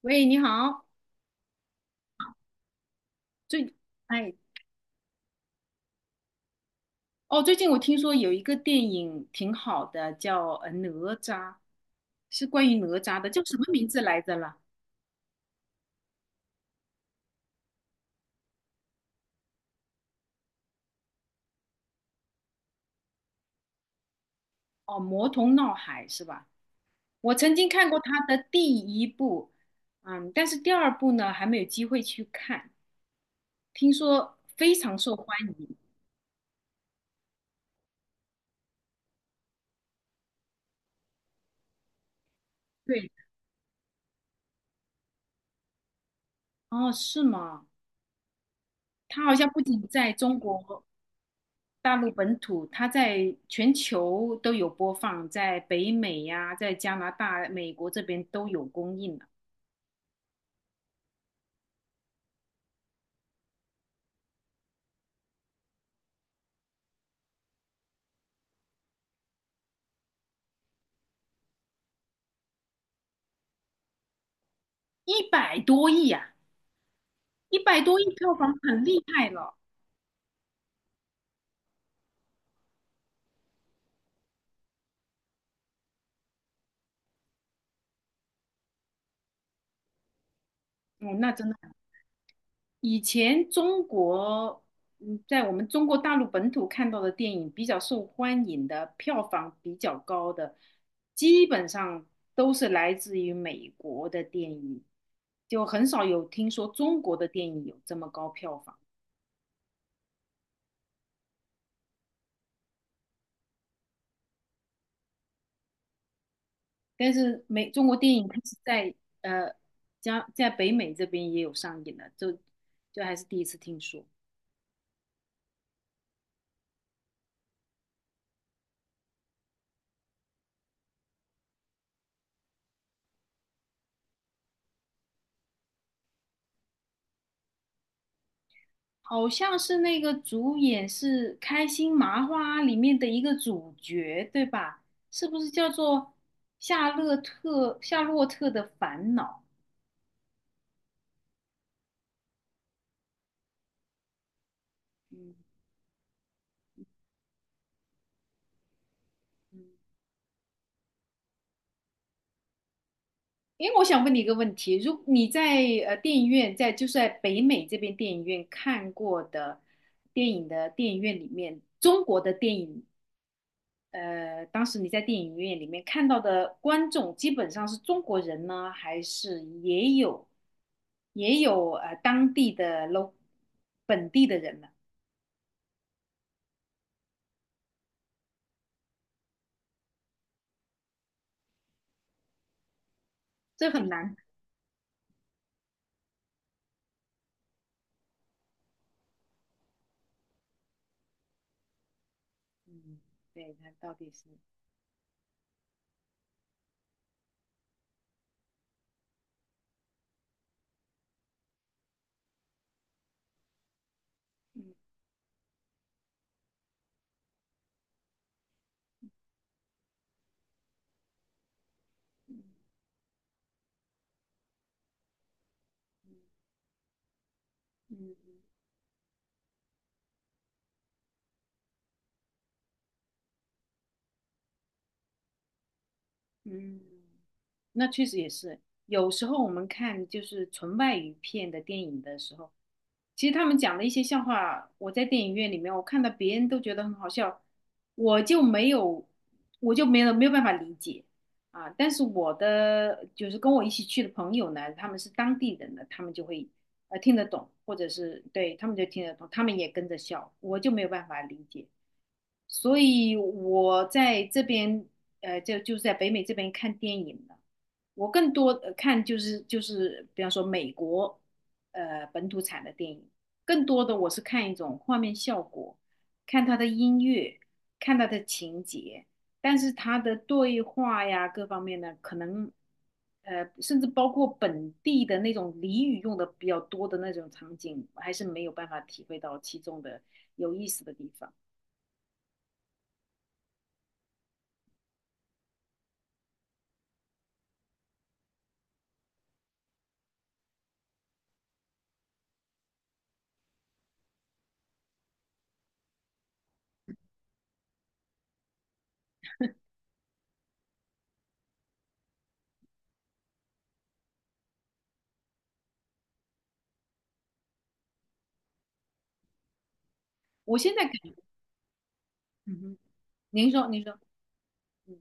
喂，你好。最，哎。哦，最近我听说有一个电影挺好的，叫《哪吒》，是关于哪吒的，叫什么名字来着了？哦，《魔童闹海》是吧？我曾经看过他的第一部，嗯，但是第二部呢还没有机会去看，听说非常受欢迎。对。哦，是吗？他好像不仅在中国。大陆本土，它在全球都有播放，在北美呀、在加拿大、美国这边都有公映了。一百多亿啊，一百多亿票房很厉害了。哦，那真的很以前中国，嗯，在我们中国大陆本土看到的电影比较受欢迎的，票房比较高的，基本上都是来自于美国的电影，就很少有听说中国的电影有这么高票房。但是美中国电影它是在呃加在北美这边也有上映的，就还是第一次听说。好像是那个主演是《开心麻花》里面的一个主角，对吧？是不是叫做夏洛特的烦恼？嗯。嗯，因为我想问你一个问题，如你在电影院在就是在北美这边电影院看过的电影的电影院里面，中国的电影当时你在电影院里面看到的观众基本上是中国人呢，还是也有当地的 本地的人呢？这很难。嗯，对，他到底是嗯嗯嗯。嗯。嗯，那确实也是。有时候我们看就是纯外语片的电影的时候，其实他们讲的一些笑话，我在电影院里面我看到别人都觉得很好笑，我就没有，我就没有办法理解啊。但是我的就是跟我一起去的朋友呢，他们是当地人的，他们就会听得懂，或者是对他们就听得懂，他们也跟着笑，我就没有办法理解。所以我在这边，在北美这边看电影的。我更多看就是，比方说美国，本土产的电影，更多的我是看一种画面效果，看它的音乐，看它的情节，但是它的对话呀各方面呢，可能，甚至包括本地的那种俚语用的比较多的那种场景，我还是没有办法体会到其中的有意思的地方。我现在感嗯哼。您说，您说。嗯。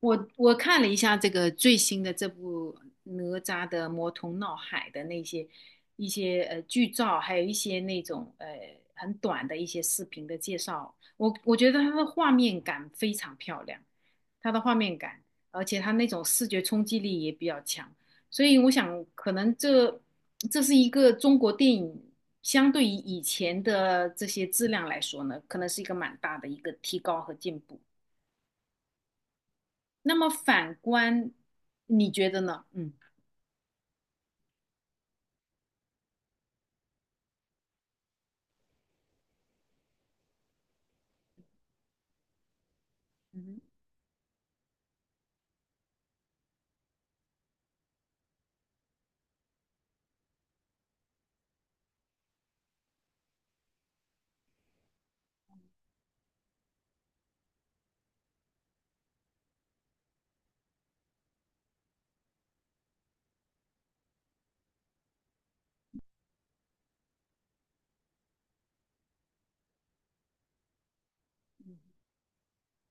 我我看了一下这个最新的这部哪吒的魔童闹海的那些一些剧照，还有一些那种很短的一些视频的介绍，我我觉得它的画面感非常漂亮，它的画面感，而且它那种视觉冲击力也比较强，所以我想可能这是一个中国电影相对于以前的这些质量来说呢，可能是一个蛮大的一个提高和进步。那么反观，你觉得呢？嗯。嗯。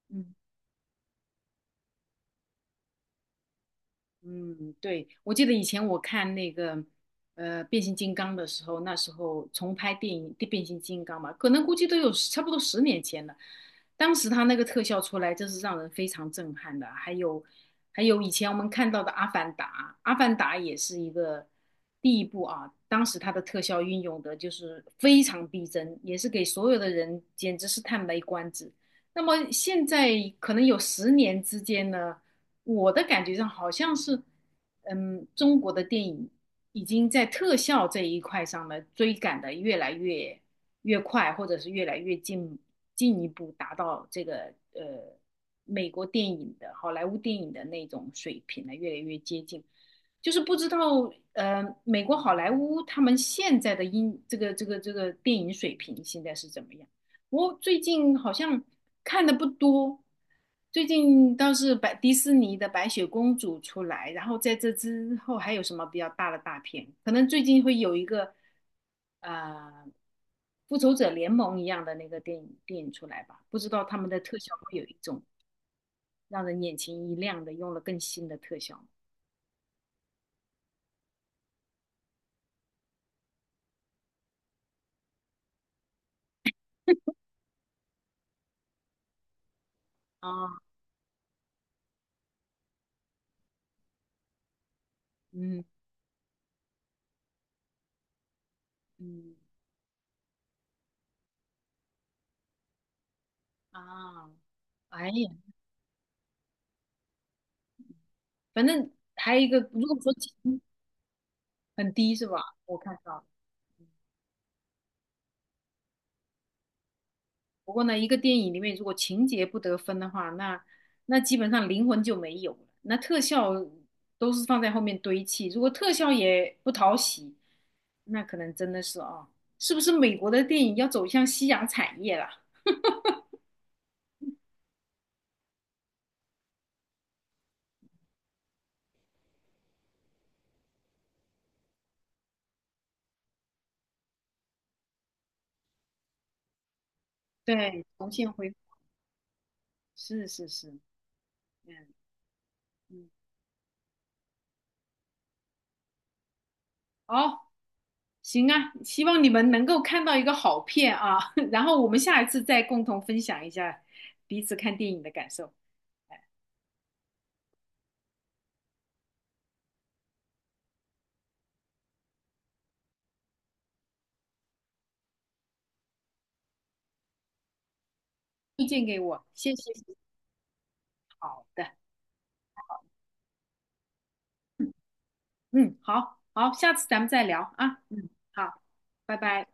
嗯。嗯，对，我记得以前我看那个变形金刚的时候，那时候重拍电影《变形金刚》嘛，可能估计都有差不多十年前了。当时他那个特效出来，真是让人非常震撼的。还有还有以前我们看到的《阿凡达》，《阿凡达》也是一个第一部啊，当时它的特效运用的就是非常逼真，也是给所有的人简直是叹为观止。那么现在可能有十年之间呢。我的感觉上好像是，嗯，中国的电影已经在特效这一块上呢追赶的越来越快，或者是越来越进一步达到这个美国电影的好莱坞电影的那种水平呢，越来越接近。就是不知道美国好莱坞他们现在的音这个电影水平现在是怎么样？我最近好像看的不多，最近倒是白迪士尼的《白雪公主》出来，然后在这之后还有什么比较大的大片？可能最近会有一个呃《复仇者联盟》一样的那个电影出来吧？不知道他们的特效会有一种让人眼前一亮的，用了更新的特效啊。嗯。嗯。啊，哎呀，反正还有一个，如果说情很低是吧？我看到了。不过呢，一个电影里面如果情节不得分的话，那那基本上灵魂就没有了。那特效都是放在后面堆砌，如果特效也不讨喜，那可能真的是啊，是不是美国的电影要走向夕阳产业了？对，重现辉是是是。嗯。嗯，好，行啊，希望你们能够看到一个好片啊，然后我们下一次再共同分享一下彼此看电影的感受。推荐给我，谢谢你。好的。嗯，好好，下次咱们再聊啊。嗯，好，拜拜。